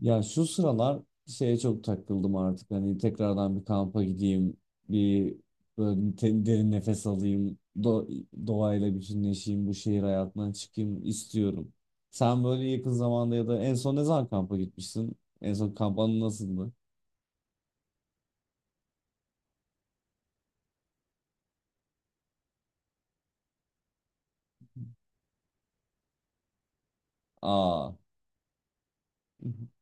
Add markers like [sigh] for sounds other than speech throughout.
Ya şu sıralar şeye çok takıldım artık. Hani tekrardan bir kampa gideyim, bir böyle derin nefes alayım, doğayla bütünleşeyim, bu şehir hayatından çıkayım istiyorum. Sen böyle yakın zamanda ya da en son ne zaman kampa gitmişsin? En son kamp anı nasıldı? Aa. [laughs]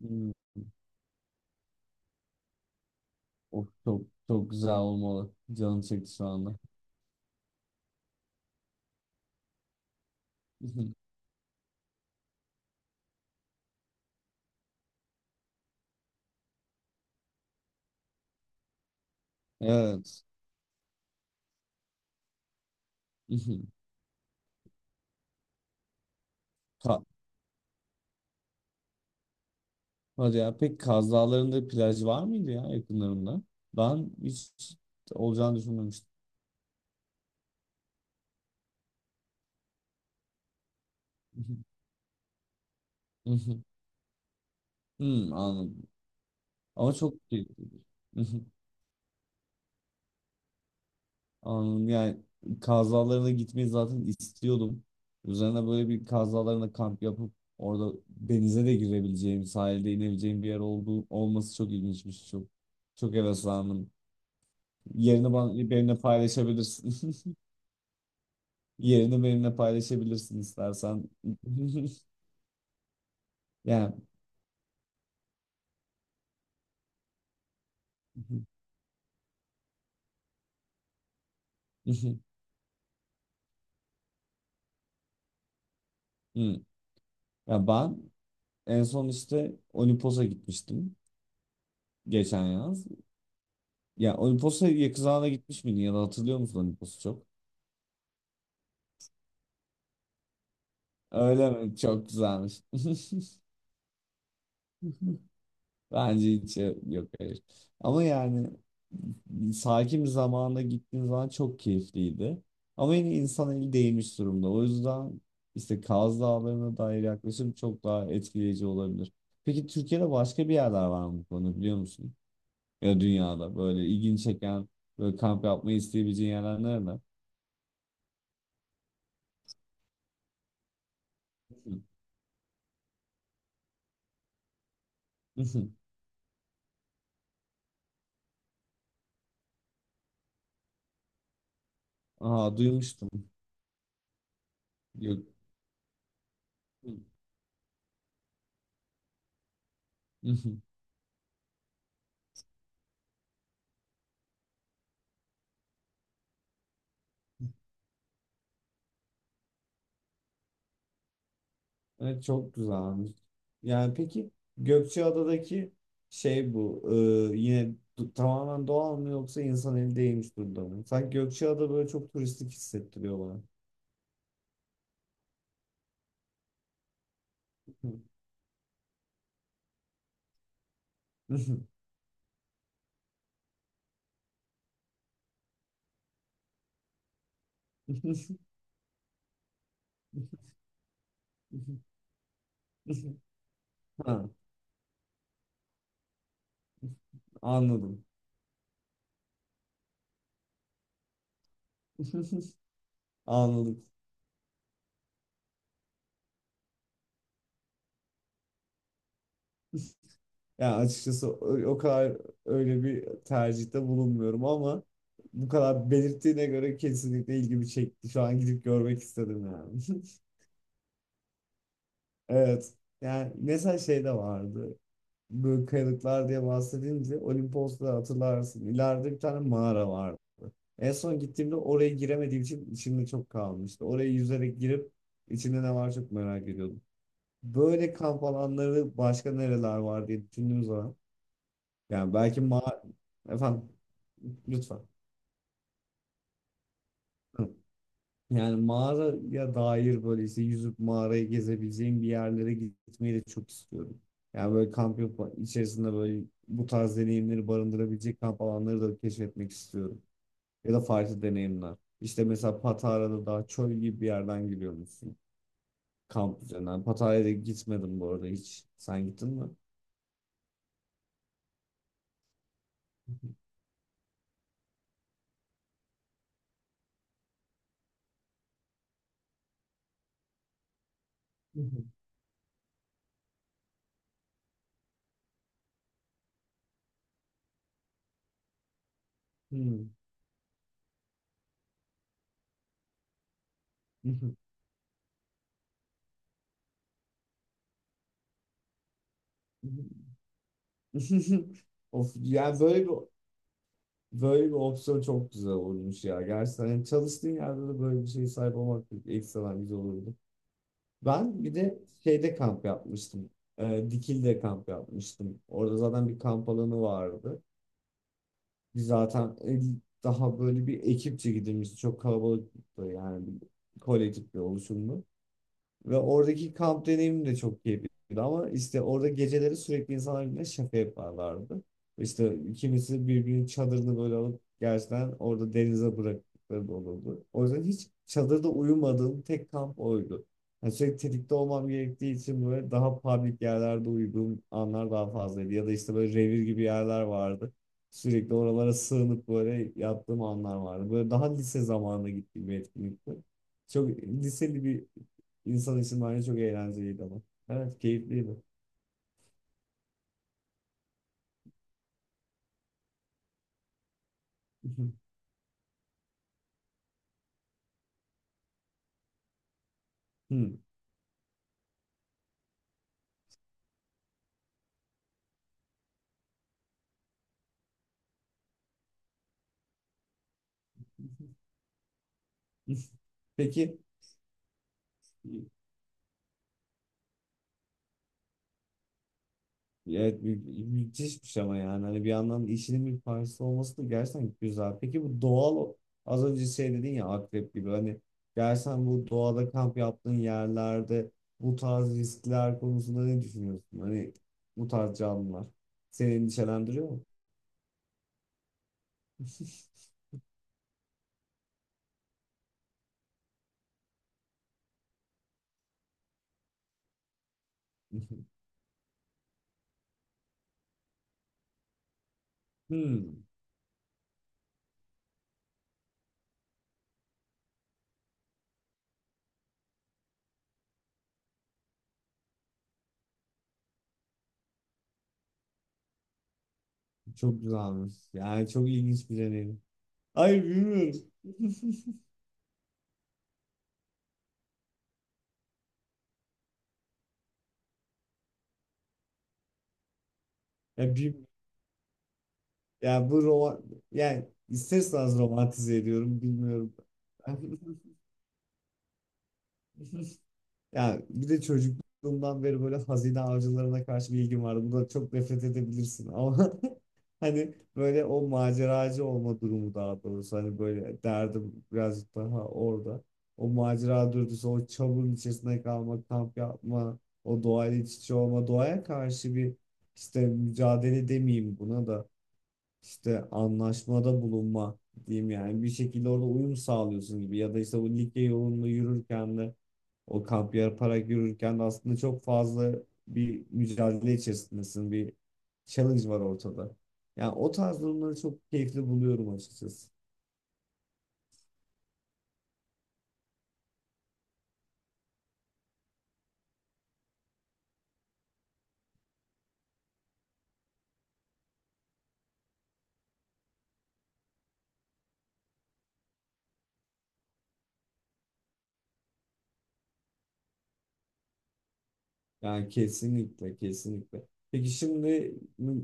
Hmm. Of, çok çok güzel olmalı. Canım çekti şu anda. [laughs] Evet. [laughs] Ka- Hadi ya. Peki Kaz Dağları'nda plaj var mıydı ya yakınlarında? Ben hiç olacağını düşünmemiştim. [laughs] Hmm, anladım. Ama çok keyifli. [laughs] Anladım. Yani Kaz Dağları'na gitmeyi zaten istiyordum. Üzerine böyle bir Kaz Dağları'nda kamp yapıp orada denize de girebileceğim, sahilde inebileceğim bir yer olduğu olması çok ilginçmiş. Çok çok heveslendim. Yerini bana, benimle paylaşabilirsin. [laughs] Yerini benimle paylaşabilirsin istersen. [laughs] Yani. Hı. Ya ben en son işte Olimpos'a gitmiştim geçen yaz. Ya Olimpos'a Yakuza'na gitmiş miydin ya da hatırlıyor musun Olimpos'u çok? Öyle mi? Çok güzelmiş. [laughs] Bence hiç, yok, hayır. Ama yani sakin bir zamanda gittiğim zaman çok keyifliydi. Ama yine insan eli değmiş durumda. O yüzden işte Kaz Dağları'na dair yaklaşım çok daha etkileyici olabilir. Peki Türkiye'de başka bir yerler var mı bu konuda biliyor musun? Ya dünyada böyle ilgini çeken böyle kamp yapmayı isteyebileceğin yerler nerede? [laughs] Aa, duymuştum. Gök... [laughs] Evet, çok güzelmiş. Yani peki Gökçeada'daki şey bu yine tamamen doğal mı yoksa insan eli değmiş durumda mı? Sanki Gökçeada böyle çok turistik hissettiriyor bana. [laughs] Ha, anladım. [laughs] Anladım. Yani açıkçası o kadar öyle bir tercihte bulunmuyorum ama bu kadar belirttiğine göre kesinlikle ilgimi çekti. Şu an gidip görmek istedim yani. [laughs] Evet. Yani mesela şey de vardı. Böyle kayalıklar diye bahsedince Olimpos'ta hatırlarsın. İleride bir tane mağara vardı. En son gittiğimde oraya giremediğim için içimde çok kalmıştı. Oraya yüzerek girip içinde ne var çok merak ediyordum. Böyle kamp alanları başka nereler var diye düşündüğüm zaman yani belki ma, efendim, lütfen. Hı. Yani mağaraya dair böyle işte yüzüp mağarayı gezebileceğim bir yerlere gitmeyi de çok istiyorum. Yani böyle kamp yapıp içerisinde böyle bu tarz deneyimleri barındırabilecek kamp alanları da keşfetmek istiyorum. Ya da farklı deneyimler. İşte mesela Patara'da daha çöl gibi bir yerden giriyormuşsun kamp üzerinden. Patara'ya da gitmedim bu arada hiç. Sen gittin mi? [laughs] Hı hı. Hı hı. [laughs] Of, yani böyle bir, böyle bir opsiyon çok güzel olmuş ya. Gerçekten yani çalıştığın yerde de böyle bir şeye sahip olmak ekstradan güzel olurdu. Ben bir de şeyde kamp yapmıştım. Dikil'de kamp yapmıştım. Orada zaten bir kamp alanı vardı. Biz zaten daha böyle bir ekipçe gidilmişti. Çok kalabalıktı yani bir kolektif bir oluşumdu. Ve oradaki kamp deneyimim de çok keyifliydi ama işte orada geceleri sürekli insanlar birbirine şaka yaparlardı. İşte kimisi birbirinin çadırını böyle alıp gerçekten orada denize bıraktıkları da olurdu. O yüzden hiç çadırda uyumadığım tek kamp oydu. Yani sürekli tetikte olmam gerektiği için böyle daha public yerlerde uyuduğum anlar daha fazlaydı. Ya da işte böyle revir gibi yerler vardı. Sürekli oralara sığınıp böyle yattığım anlar vardı. Böyle daha lise zamanına gittiğim bir etkinlikti. Çok liseli bir İnsan isimleri çok eğlenceliydi ama. Evet, keyifliydi. [laughs] Hmm. [laughs] Peki, e, evet, müthişmiş ama yani hani bir yandan işinin bir parçası olması da gerçekten güzel. Peki bu doğal, az önce şey dedin ya akrep gibi, hani gerçekten bu doğada kamp yaptığın yerlerde bu tarz riskler konusunda ne düşünüyorsun? Hani bu tarz canlılar seni endişelendiriyor mu? [laughs] Hmm, çok güzelmiş. Yani çok ilginç bir deneyim. Hayır, bilmiyorum. [laughs] Ya, bir, ya bu roman, yani ister istemez romantize ediyorum, bilmiyorum. [laughs] Ya bir de çocukluğumdan beri böyle hazine avcılarına karşı bir ilgim vardı. Buna çok nefret edebilirsin ama [laughs] hani böyle o maceracı olma durumu daha doğrusu. Hani böyle derdim birazcık daha orada. O macera dürtüsü, o çamurun içerisinde kalma, kamp yapma, o doğayla iç içe olma, doğaya karşı bir işte mücadele demeyeyim buna da, işte anlaşmada bulunma diyeyim, yani bir şekilde orada uyum sağlıyorsun gibi. Ya da işte bu Likya yolunda yürürken de o kamp yaparak yürürken de aslında çok fazla bir mücadele içerisindesin, bir challenge var ortada. Yani o tarz durumları çok keyifli buluyorum açıkçası. Yani kesinlikle kesinlikle. Peki şimdi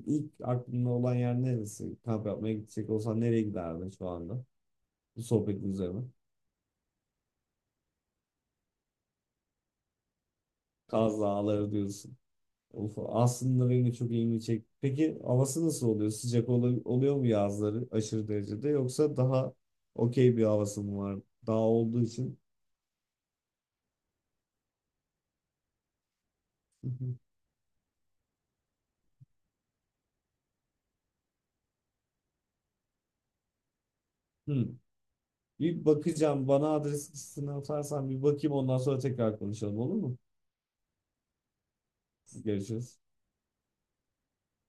ilk aklında olan yer neresi? Kamp yapmaya gidecek olsan nereye giderdin şu anda? Bu sohbetin üzerine. Kaz Dağları diyorsun. Of, aslında benim de çok ilgimi çekti. Peki havası nasıl oluyor? Sıcak oluyor mu yazları aşırı derecede yoksa daha okey bir havası mı var? Dağ olduğu için. [laughs] Hmm. Bir bakacağım. Bana adres listesini atarsan bir bakayım ondan sonra tekrar konuşalım, olur mu? Görüşürüz.